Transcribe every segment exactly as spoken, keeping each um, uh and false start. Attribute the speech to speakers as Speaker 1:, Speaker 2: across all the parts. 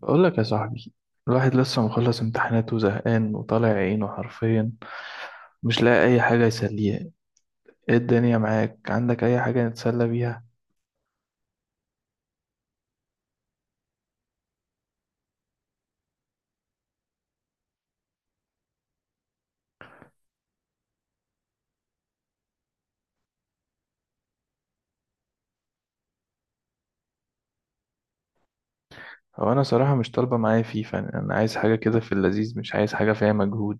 Speaker 1: بقول لك يا صاحبي، الواحد لسه مخلص امتحانات وزهقان وطالع عينه حرفيا. مش لاقي اي حاجه يسليه. ايه الدنيا معاك؟ عندك اي حاجه نتسلى بيها؟ هو انا صراحه مش طالبه معايا فيفا. انا عايز حاجه كده في اللذيذ، مش عايز حاجه فيها مجهود.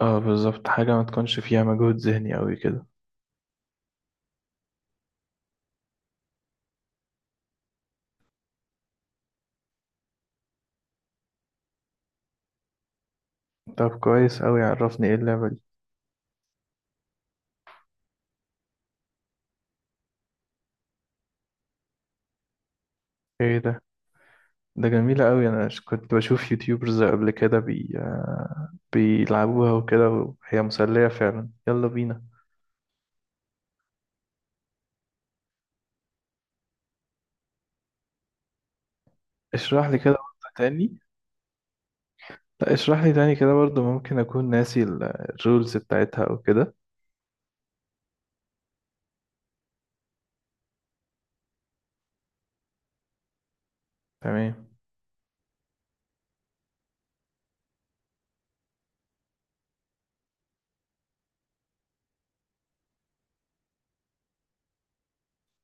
Speaker 1: اه، بالظبط. حاجه ما تكونش فيها مجهود ذهني قوي كده. طب كويس قوي، عرفني ايه اللعبه دي. ايه ده؟ ده جميله قوي. انا ش- كنت بشوف يوتيوبرز قبل كده بي... بيلعبوها وكده، وهي مسليه فعلا. يلا بينا. اشرح لي كده واحدة تاني. لا، اشرح لي تاني كده برضو. ممكن اكون ناسي ال- الرولز بتاعتها او كده. تمام.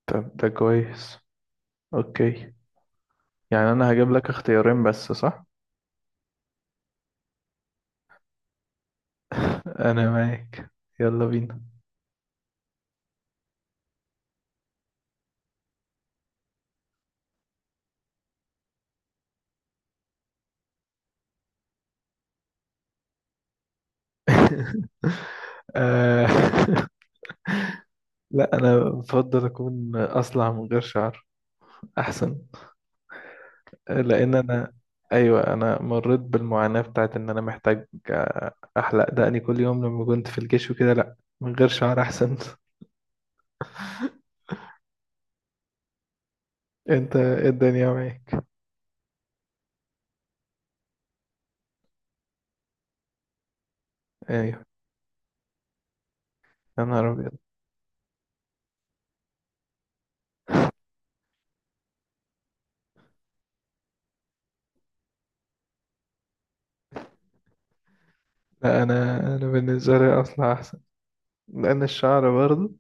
Speaker 1: طب ده كويس، اوكي. يعني انا هجيب لك اختيارين بس، صح؟ انا معاك، يلا بينا. آه، لا، انا بفضل اكون اصلع من غير شعر. احسن. لان انا ايوه، انا مريت بالمعاناة بتاعت ان انا محتاج آه، احلق دقني كل يوم لما كنت في الجيش وكده. لا، من غير شعر احسن. انت إيه الدنيا معاك؟ ايوه، يا نهار أبيض. لا، أنا أنا بالنسبة لي أصلا أحسن. لأن الشعر برضه.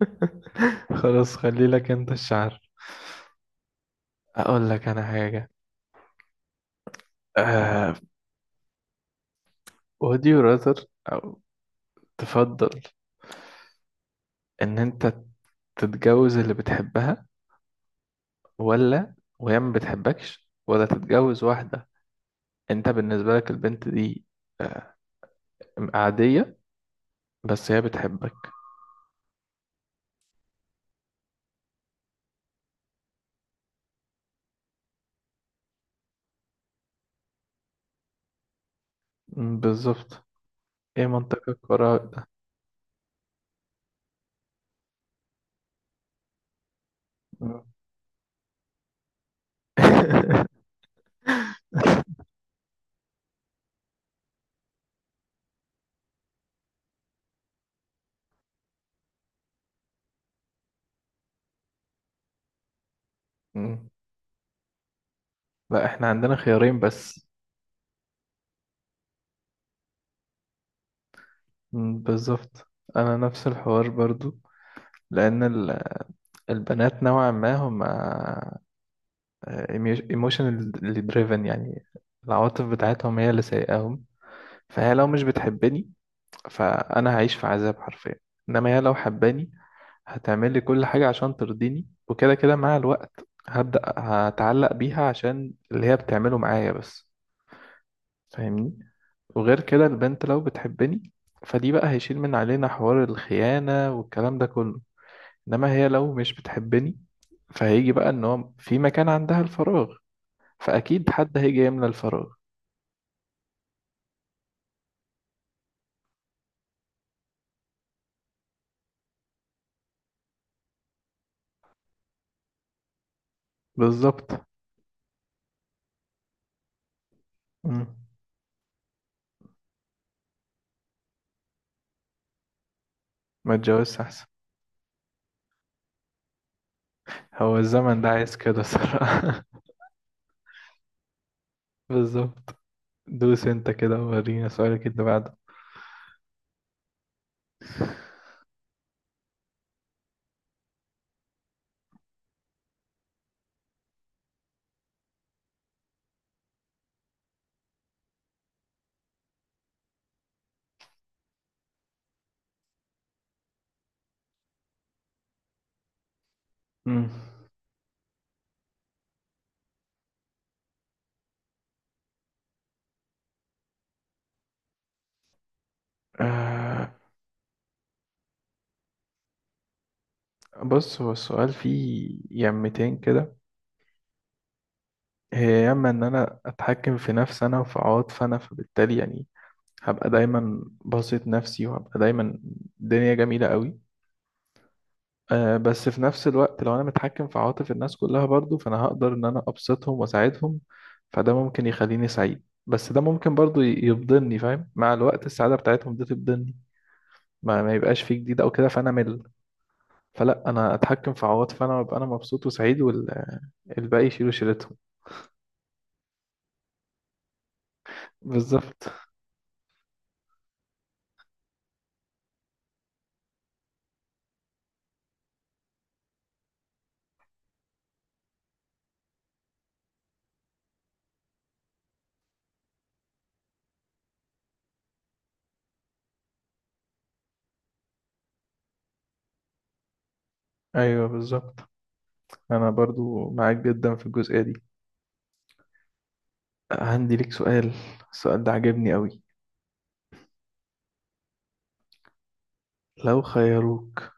Speaker 1: خلاص، خلي لك أنت الشعر. أقول لك أنا حاجة، آه would you rather، أو تفضل إن أنت تتجوز اللي بتحبها، ولا وهي ما بتحبكش؟ ولا تتجوز واحدة أنت بالنسبة لك البنت دي آه عادية، بس هي بتحبك؟ م، بالظبط. إيه منطقك وراء ده؟ م. لا، احنا عندنا خيارين بس. مم، بالظبط. انا نفس الحوار برضو. لان ال- البنات نوعا ما هم ايموشنالي دريفن، يعني العواطف بتاعتهم هي اللي سايقاهم. فهي لو مش بتحبني فانا هعيش في عذاب حرفيا. انما هي لو حباني هتعمل لي كل حاجة عشان ترضيني، وكده كده مع الوقت هبدأ هتعلق بيها عشان اللي هي بتعمله معايا بس. فاهمني؟ وغير كده، البنت لو بتحبني فدي بقى هيشيل من علينا حوار الخيانة والكلام ده كله. انما هي لو مش بتحبني فهيجي بقى ان هو في مكان عندها الفراغ، فاكيد حد هيجي يملى الفراغ. بالظبط. مم. ما اتجوزش احسن. هو الزمن ده عايز كده صراحة. بالظبط. دوس انت كده ورينا سؤالك اللي بعده. مم. آه بص، هو السؤال فيه يمتين كده. هي اما ان انا اتحكم في نفسي انا وفي عواطفي انا، فبالتالي يعني هبقى دايما باسط نفسي، وهبقى دايما الدنيا جميلة قوي. أه بس في نفس الوقت لو انا متحكم في عواطف الناس كلها برضو، فانا هقدر ان انا ابسطهم واساعدهم. فده ممكن يخليني سعيد، بس ده ممكن برضو ي- يفضلني فاهم، مع الوقت السعادة بتاعتهم دي تفضلني، ما, ما يبقاش فيه جديد او كده، فانا مل. فلا، انا اتحكم في عواطفي انا وابقى انا مبسوط وسعيد، والباقي يشيلوا شيلتهم. بالظبط. ايوه، بالظبط. انا برضو معاك جدا في الجزئية دي. عندي ليك سؤال، السؤال ده عجبني قوي. لو خيروك،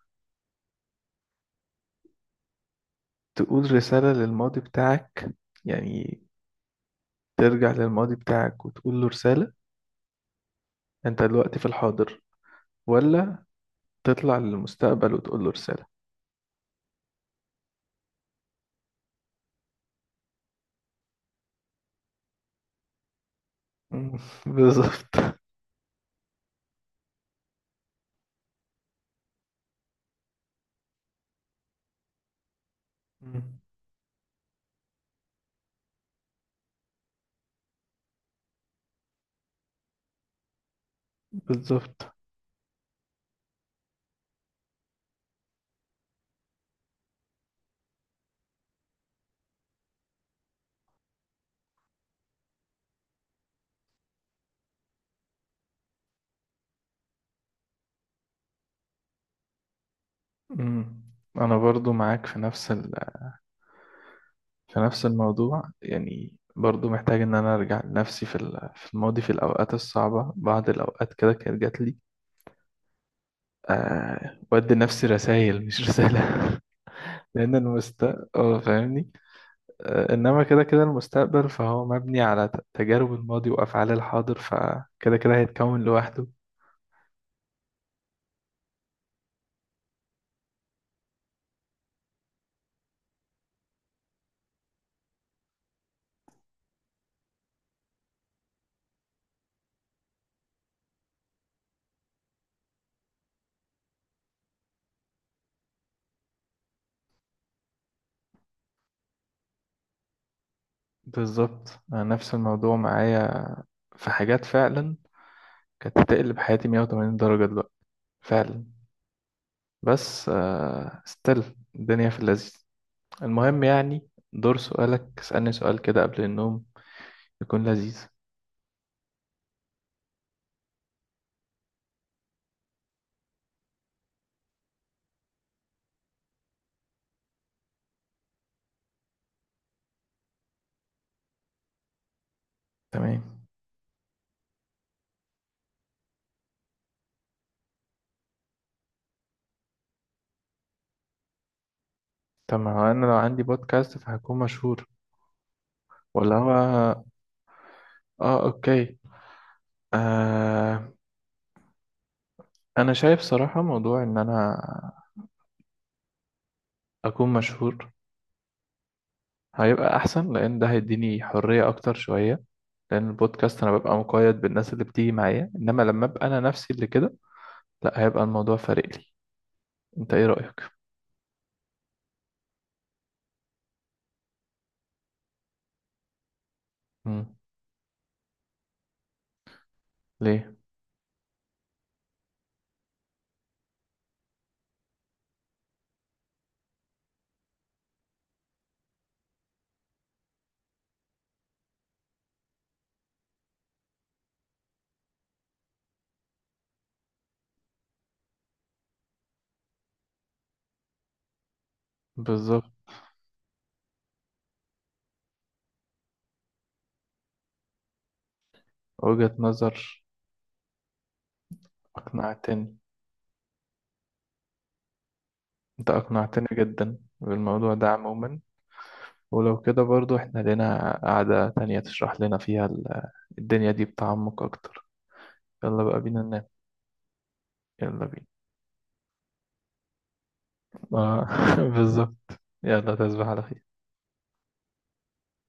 Speaker 1: تقول رسالة للماضي بتاعك، يعني ترجع للماضي بتاعك وتقول له رسالة، انت دلوقتي في الحاضر، ولا تطلع للمستقبل وتقول له رسالة؟ مم، بالظبط. مم، بالظبط. مم. انا برضو معاك في نفس ال... في نفس الموضوع. يعني برضو محتاج ان انا ارجع لنفسي في ال- في الماضي، في الاوقات الصعبة، بعض الاوقات كده كانت جات لي. آه بدي نفسي رسائل، مش رسالة. لأن المستقبل اه فاهمني. آه إنما كده كده المستقبل فهو مبني على ت- تجارب الماضي وأفعال الحاضر، فكده كده هيتكون لوحده. بالظبط. أنا نفس الموضوع معايا. في حاجات فعلا كانت تقلب حياتي 180 درجة دلوقتي فعلا. بس آه استل الدنيا في اللذيذ، المهم يعني. دور سؤالك، اسألني سؤال كده قبل النوم يكون لذيذ. تمام. طب ما هو انا لو عندي بودكاست فهكون مشهور؟ ولا هو، اه، اوكي. آه انا شايف صراحة موضوع ان انا اكون مشهور هيبقى احسن. لان ده هيديني حرية اكتر شوية. لان البودكاست انا ببقى مقيد بالناس اللي بتيجي معايا، انما لما ابقى انا نفسي اللي كده، لا، هيبقى الموضوع فارق لي. انت ايه رأيك؟ مم. ليه؟ بالظبط، وجهة نظر. اقنعتني، انت اقنعتني جدا بالموضوع ده عموما. ولو كده برضو احنا لنا قعدة تانية تشرح لنا فيها ال- الدنيا دي بتعمق اكتر. يلا بقى بينا ننام. يلا بينا. آه، بالظبط. يلا، تصبح على خير.